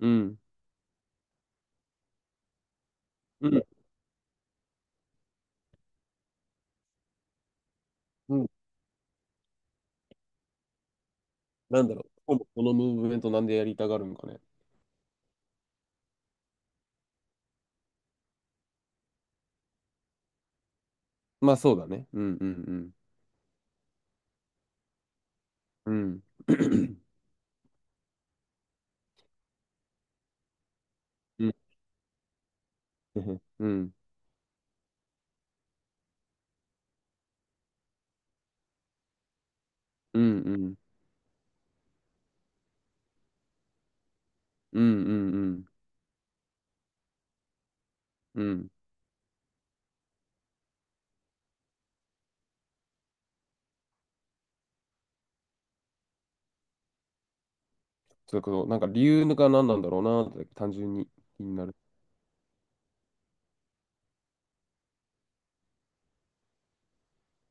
うん。うん。うん。なんだろう。このムーブメントなんでやりたがるんかね。まあそうだね。うんうんうん。うん。うん。うんうんうんうんうんうん。うん、それこそ、なんか理由が何なんだろうなって単純に気になる。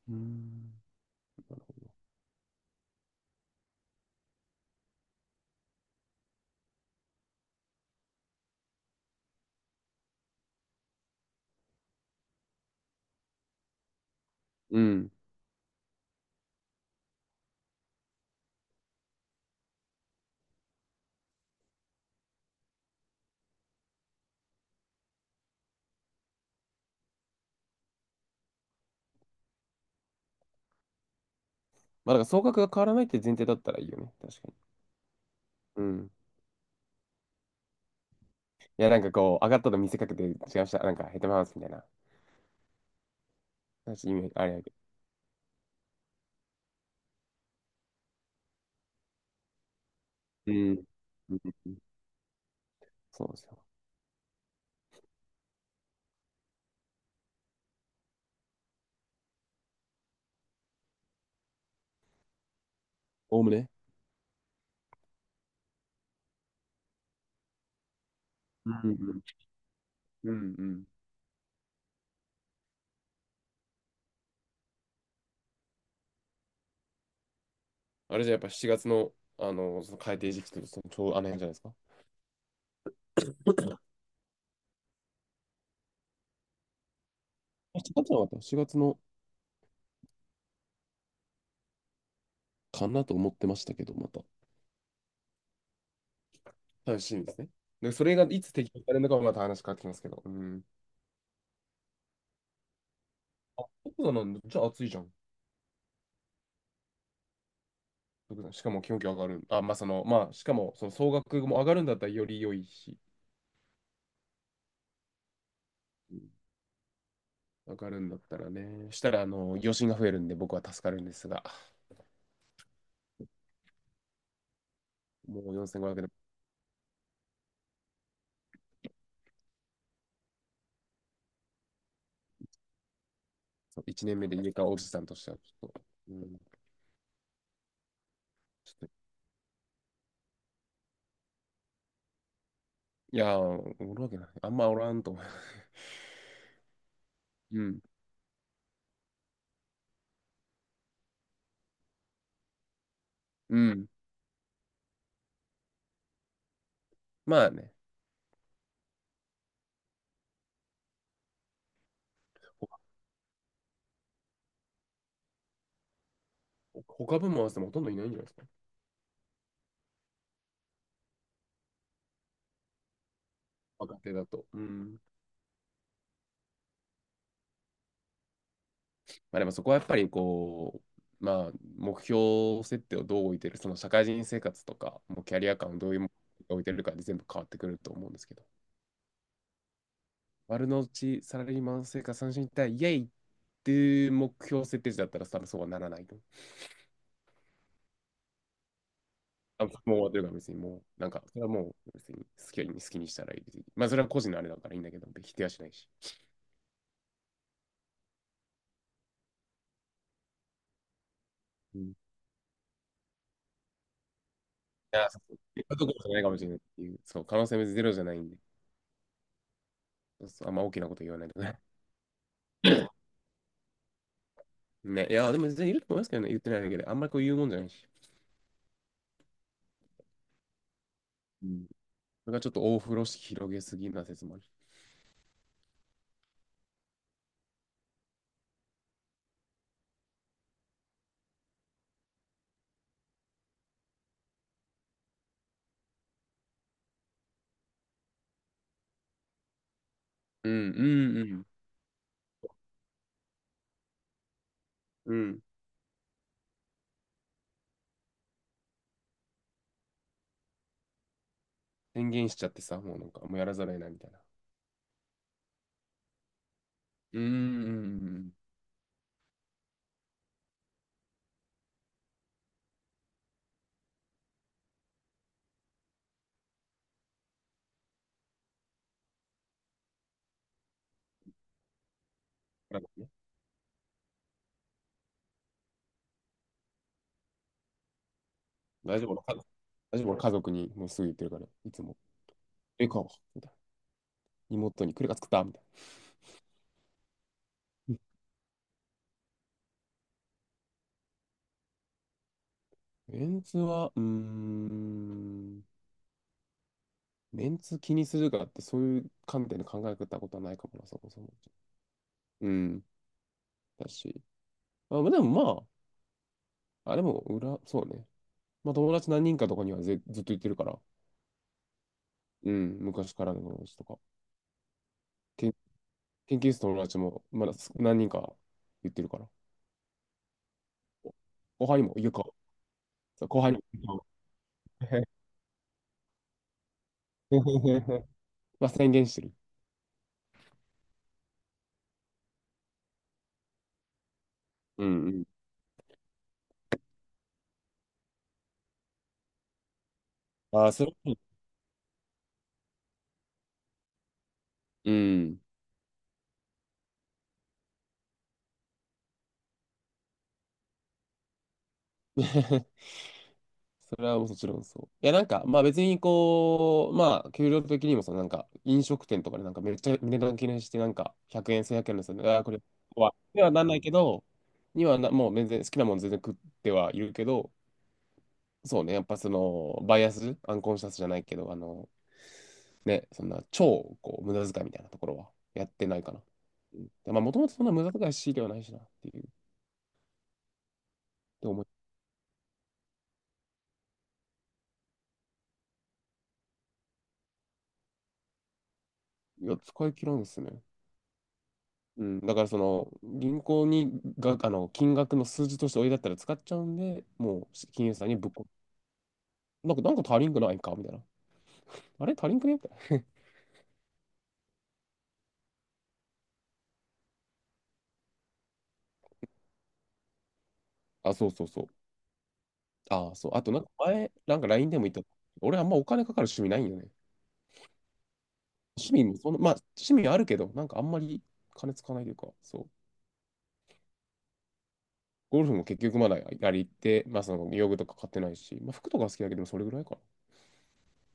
うん。うん。まあだから総額が変わらないって前提だったらいいよね。確かに。うん。いやなんかこう、上がったと見せかけて違いました。なんか減ってますみたいな。私、イメあれやけど。うん。うんうんうん、そうですよ。おおむね。うんうんうんうんうん、あれじゃやっぱ7月の、その改定時期とそのちょうどあの辺じゃないですか。7月はまた4月のかなと思ってましたけど、また。楽しみですね。で、それがいつ適用されるのかはまた話変わってきますけど。うん。あ、そうなんだ。じゃあ暑いじゃん。しかも気温気上がる。あ、まあしかもその総額も上がるんだったらより良いし、上がるんだったらね。したら、余震が増えるんで僕は助かるんですが、もう4500円、1年目で家買うおじさんとしてはちょっと、うん、ちょっといやー、おるわけない。あんまおらんと思う。うん。うん。まあね。ほ他部門合わせてもほとんどいないんじゃないですか。若手だと。うん。まあでもそこはやっぱりまあ目標設定をどう置いてる、その社会人生活とか、もうキャリア感をどういうものに置いてるかで全部変わってくると思うんですけど。丸の内サラリーマン生活三振一体イエイっていう目標設定時だったら多分そうはならないと。あ、もう終わってるから別にもう、なんか、それはもう別に好きにしたらいいです。別にまあ、それは個人のあれだからいいんだけど、否定はしないし。うん、いや、そうそう、そういうところじゃないかもしれないっていう、そう、可能性はゼロじゃないんで、そうそう、あんま大きなこと言わないでね。ね、いや、でも全然いると思いますけどね、言ってないだけで、あんまりこう言うもんじゃないし。うん、それがちょっと大風呂敷広げすぎな説もあるし。うん、うん、うん、うん。宣言しちゃってさ、もうなんか、もうやらざるを得ないみたいな。うん、うん、うんうん。だからね、大丈夫、俺家族大丈夫、俺家族にもうすぐ言ってるから、いつも。え、か、みたいな。妹に、クレが作ったみたいな。メンツは、メンツ気にするかってそういう観点で考えたことはないかもな、そもそも。うん、だし。まあ、まあでもまあ、あれも裏、そうね。まあ友達何人かとかにはずっと言ってるから、うん、昔からの友達とか。けん研究室の友達もまだ何人か言ってるから。お後輩にも言うか。そう、後輩にも言うか。まあ宣言してる。うんうん。ああ、それ。うん。それはもちろんそう。いや、なんか、まあ別にこう、まあ、給料的にもさ、なんか、飲食店とかでなんかめっちゃ値段気にして、なんか、100円、1100円のさ、ああ、これは、にはなんないけど、にはな、もう全然、好きなもん全然食ってはいるけど、そうね、やっぱその、バイアス、アンコンシャスじゃないけど、ね、そんな、超、こう、無駄遣いみたいなところは、やってないかな。うん、まあ、もともとそんな無駄遣いしではないしな、っていう、って思い、いや、使い切らんですね。うん、だからその銀行にがあの金額の数字としておいだったら使っちゃうんで、もう金融さんにぶっこ、なんか、なんか足りんくないかみたいな。あれ足りんくねみたいな。あ、そうそうそう。ああ、そう。あとなんか前、なんか LINE でも言った。俺あんまお金かかる趣味ないんよね。趣味もその、まあ趣味あるけど、なんかあんまり金使わないというか、そう。ゴルフも結局まだやり行って、まあその用具とか買ってないし、まあ服とか好きだけど、でもそれぐらいかな。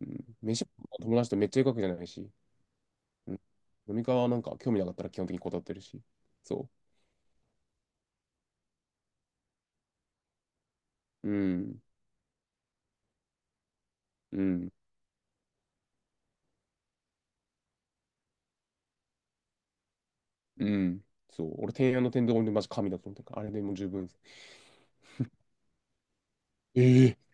うん。飯も友達とめっちゃ行くわけじゃないし、うん、飲み会はなんか興味なかったら基本的に断ってるし。そう。うん。うん。うん。そう。俺、天安の天丼でマジ神だと思ってるから、あれでもう十分です。ええ、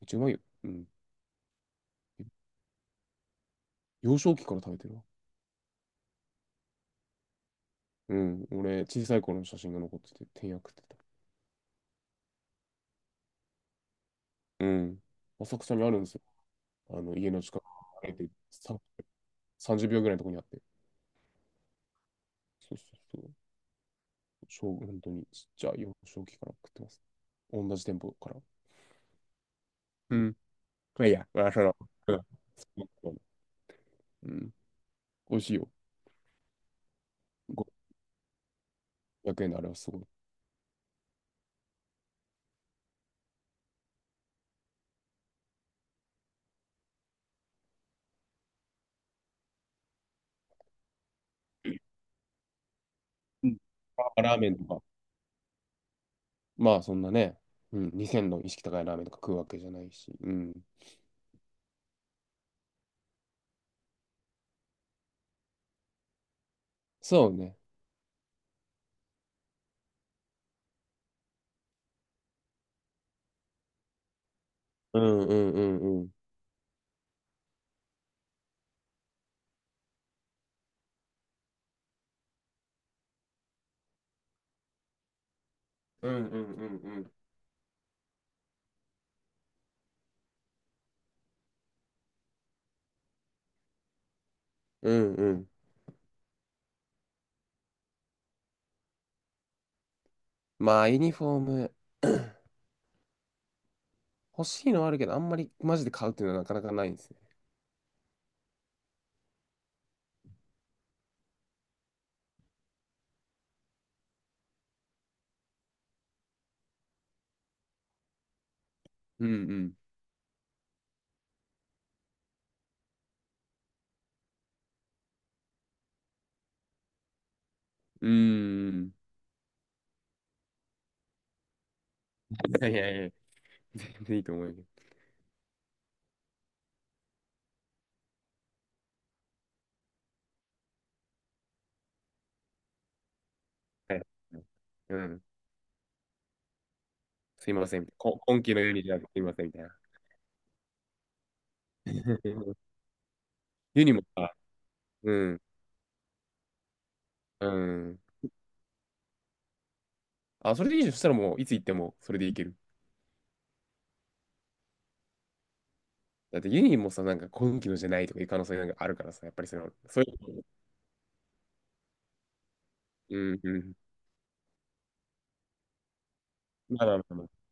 めっちゃうまいよ。うん。幼少期から食べてるわ。うん。俺、小さい頃の写真が残ってて、天安食ってた。うん。浅草にあるんですよ。あの、家の近く歩いてさ30秒ぐらいのところにあって。そうそうそう。本当にちっちゃい幼少期から食ってます。同じ店舗から。うん。まあいいや、まあ、その、うん。うん、美味しいよ。500円のあれはすごい。うん、まあラーメンとか。まあ、そんなね、うん、2000の意識高いラーメンとか食うわけじゃないし。うん。そうね。うんうんうんうん。うんうんうんうん。うんうん。まあ、ユニフォーム、欲しいのはあるけど、あんまりマジで買うっていうのはなかなかないんですね。うんうん。うんうん。いやいやいや、全然いいと思うよ。はい、うん。すいません。今期のユニじゃなくてすいません、みたいな。ユニもさ、うん。うん。あ、それでいいじゃん。そしたらもう、いつ行っても、それで行ける。だって家にもさ、なんか今期のじゃないとかいう可能性なんかあるからさ、やっぱりその、そういう、うん、うん。まあまあまあまあ